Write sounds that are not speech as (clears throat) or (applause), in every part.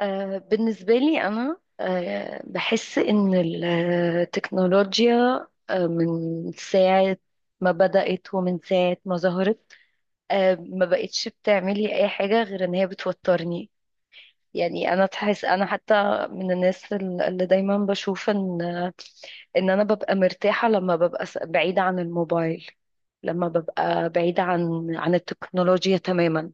بالنسبة لي أنا بحس إن التكنولوجيا من ساعة ما بدأت ومن ساعة ما ظهرت ما بقتش بتعملي أي حاجة غير إن هي بتوترني. يعني أنا تحس أنا حتى من الناس اللي دايما بشوف إن أنا ببقى مرتاحة لما ببقى بعيدة عن الموبايل، لما ببقى بعيدة عن التكنولوجيا تماما.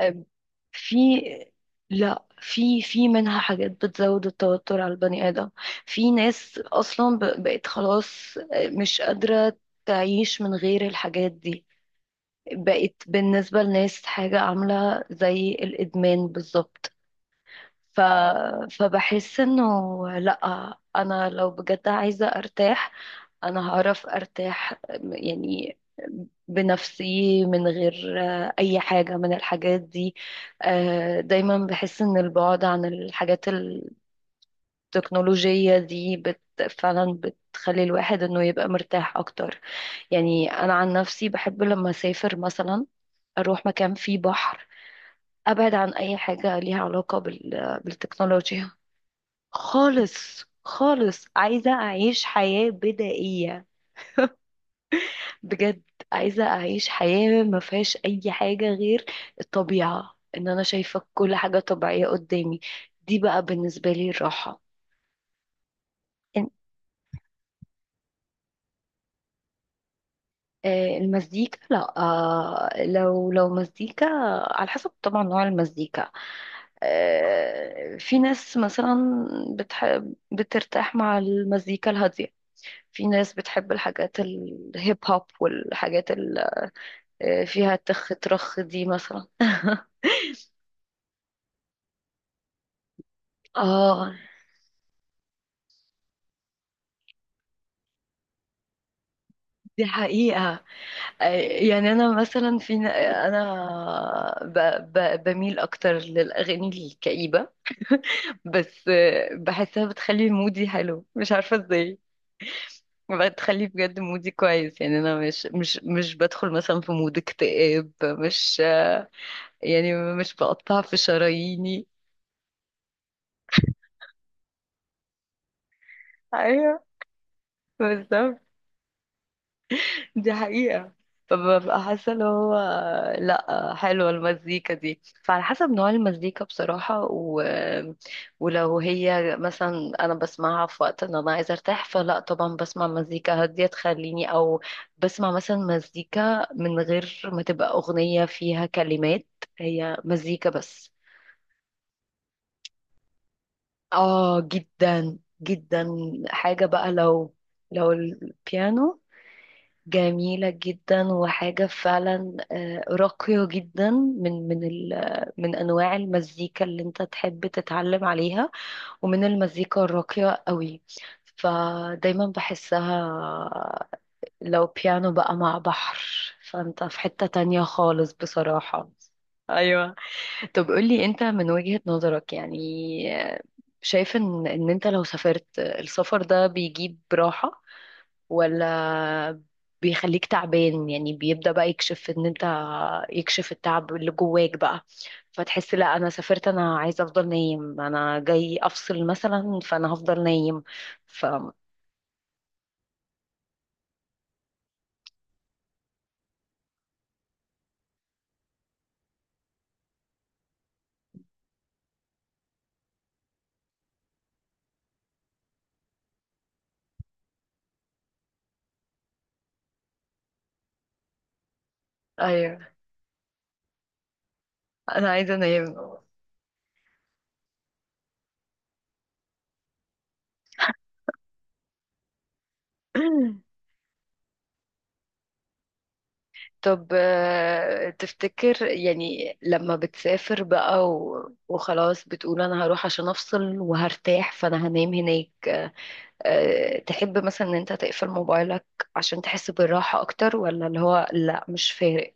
آه، في لا، في منها حاجات بتزود التوتر على البني آدم. في ناس أصلا بقت خلاص مش قادرة تعيش من غير الحاجات دي. بقت بالنسبة لناس حاجة عاملة زي الإدمان بالظبط. ف... فبحس إنه لأ، أنا لو بجد عايزة أرتاح انا هعرف ارتاح يعني بنفسي من غير اي حاجة من الحاجات دي. دايما بحس ان البعد عن الحاجات التكنولوجية دي فعلا بتخلي الواحد انه يبقى مرتاح اكتر. يعني انا عن نفسي بحب لما اسافر مثلا اروح مكان فيه بحر، ابعد عن اي حاجة ليها علاقة بالتكنولوجيا. خالص خالص عايزة اعيش حياة بدائية بجد. عايزة أعيش حياة ما فيهاش أي حاجة غير الطبيعة، إن أنا شايفة كل حاجة طبيعية قدامي. دي بقى بالنسبة لي الراحة. إن- المزيكا، لا، لو مزيكا على حسب طبعا نوع المزيكا. في ناس مثلا بتحب بترتاح مع المزيكا الهادية، في ناس بتحب الحاجات الهيب هوب والحاجات اللي فيها تخ ترخ دي مثلا. اه، دي حقيقة. يعني انا مثلا انا بميل اكتر للاغاني الكئيبه. بس بحسها بتخلي مودي حلو مش عارفه ازاي، بتخلي بجد مودي كويس. يعني انا مش بدخل مثلا في مود اكتئاب، مش يعني مش بقطع في شراييني. ايوه بالظبط، دي حقيقة. فببقى حاسة اللي هو لأ حلوة المزيكا دي، فعلى حسب نوع المزيكا بصراحة. ولو هي مثلا أنا بسمعها في وقت إن أنا عايزة أرتاح فلأ طبعا بسمع مزيكا هادية تخليني بسمع مثلا مزيكا من غير ما تبقى أغنية فيها كلمات، هي مزيكا بس. آه جدا جدا. حاجة بقى لو البيانو جميلة جدا، وحاجة فعلا راقية جدا، من أنواع المزيكا اللي أنت تحب تتعلم عليها، ومن المزيكا الراقية قوي. فدايما بحسها لو بيانو بقى مع بحر فأنت في حتة تانية خالص بصراحة. أيوة. طب قولي أنت من وجهة نظرك يعني، آه، شايف إن أنت لو سافرت السفر ده بيجيب راحة ولا بيخليك تعبان؟ يعني بيبدأ بقى يكشف ان انت يكشف التعب اللي جواك بقى، فتحس لا انا سافرت انا عايزة افضل نايم، انا جاي افصل مثلا فانا هفضل نايم. ف ايوه، انا عايزة انام. (clears throat) طب تفتكر يعني لما بتسافر بقى وخلاص بتقول انا هروح عشان افصل وهرتاح فانا هنام هناك، تحب مثلا ان انت تقفل موبايلك عشان تحس بالراحة اكتر، ولا اللي هو لا مش فارق؟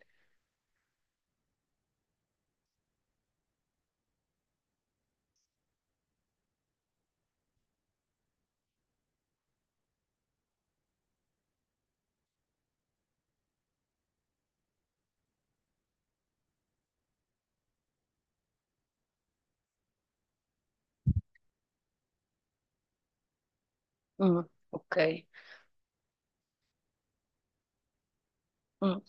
امم اوكي. امم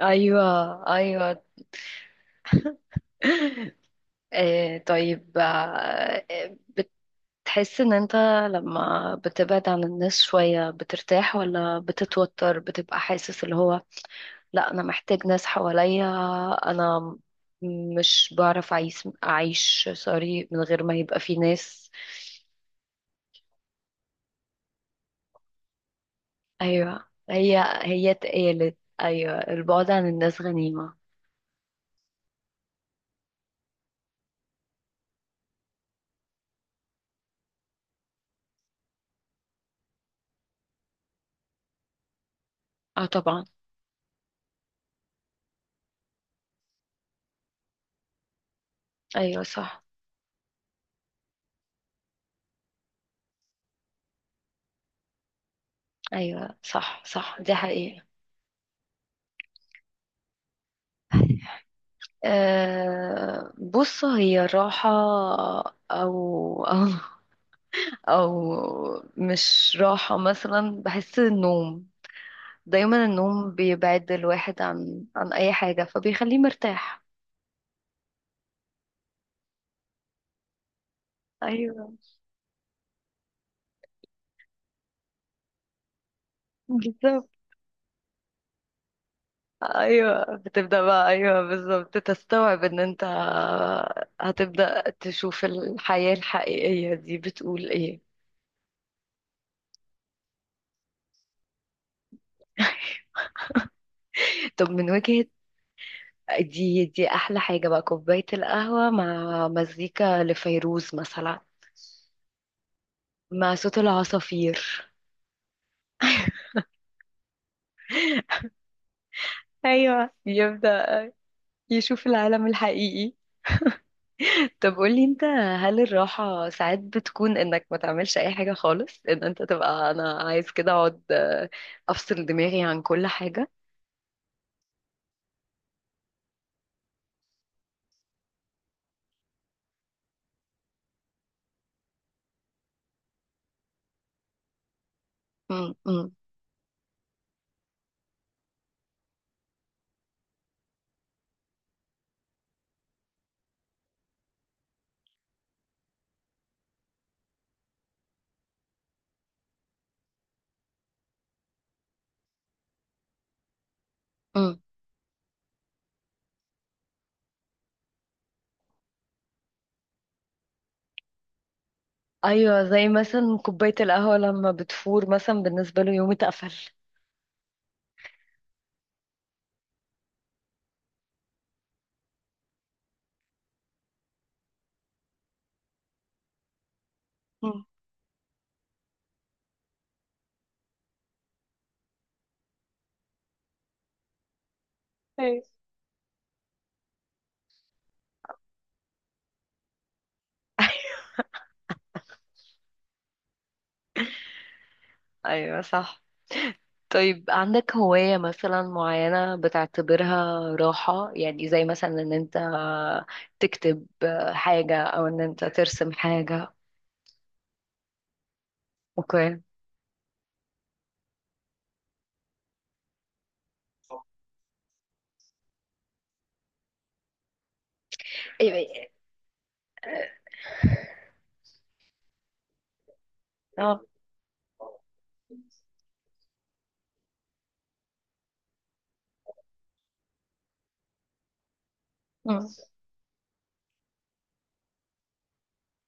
ايوه، ايوه. طيب. بتحس ان انت لما بتبعد عن الناس شوية بترتاح ولا بتتوتر؟ بتبقى حاسس اللي هو لا انا محتاج ناس حواليا، انا مش بعرف اعيش سوري من غير ما يبقى في ناس؟ ايوه، هي، هي اتقالت ايوه البعد عن الناس غنيمة. اه طبعا. ايوه صح، ايوه صح صح، دي حقيقة. أه بص، هي الراحة، او او او مش راحة، مثلا بحس النوم. دايما النوم بيبعد الواحد عن اي حاجة فبيخليه مرتاح. ايوه بالظبط. ايوه بتبدأ بقى، ايوه بالظبط، تستوعب ان انت هتبدأ تشوف الحياة الحقيقية دي بتقول ايه. (laughs) طب من وجهة. دي احلى حاجة بقى، كوباية القهوة مع مزيكا لفيروز مثلا. مع صوت العصافير. ايوه يبدأ يشوف العالم الحقيقي. طب قولي انت، هل الراحة ساعات بتكون انك ما تعملش اي حاجة خالص، ان انت تبقى انا عايز كده اقعد افصل دماغي عن كل حاجة؟ مم. مم. مم. ايوه، زي مثلا كوبايه القهوه لما بتفور مثلا بالنسبه له يوم اتقفل. مم. أيوة. (laughs) ايوه صح. طيب عندك هوايه مثلا معينه بتعتبرها راحه؟ يعني زي مثلا ان انت تكتب حاجه، او ان انت ترسم حاجه؟ اوكي. أيوة. اه.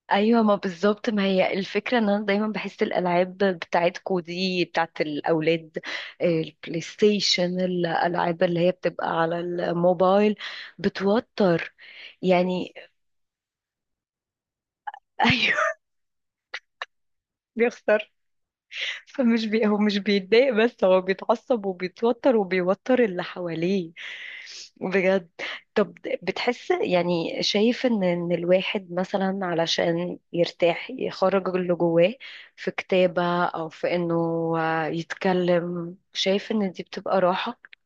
ايوه، ما بالظبط، ما هي الفكره ان انا دايما بحس الالعاب بتاعتكو دي بتاعت الاولاد، البلاي ستيشن، الالعاب اللي هي بتبقى على الموبايل، بتوتر يعني. (laughs) ايوه، بيخسر. فمش هو مش بيتضايق بس، هو بيتعصب وبيتوتر وبيوتر اللي حواليه، بجد. طب، بتحس يعني، شايف ان الواحد مثلا علشان يرتاح يخرج اللي جواه في كتابة او في انه يتكلم، شايف ان دي بتبقى راحة؟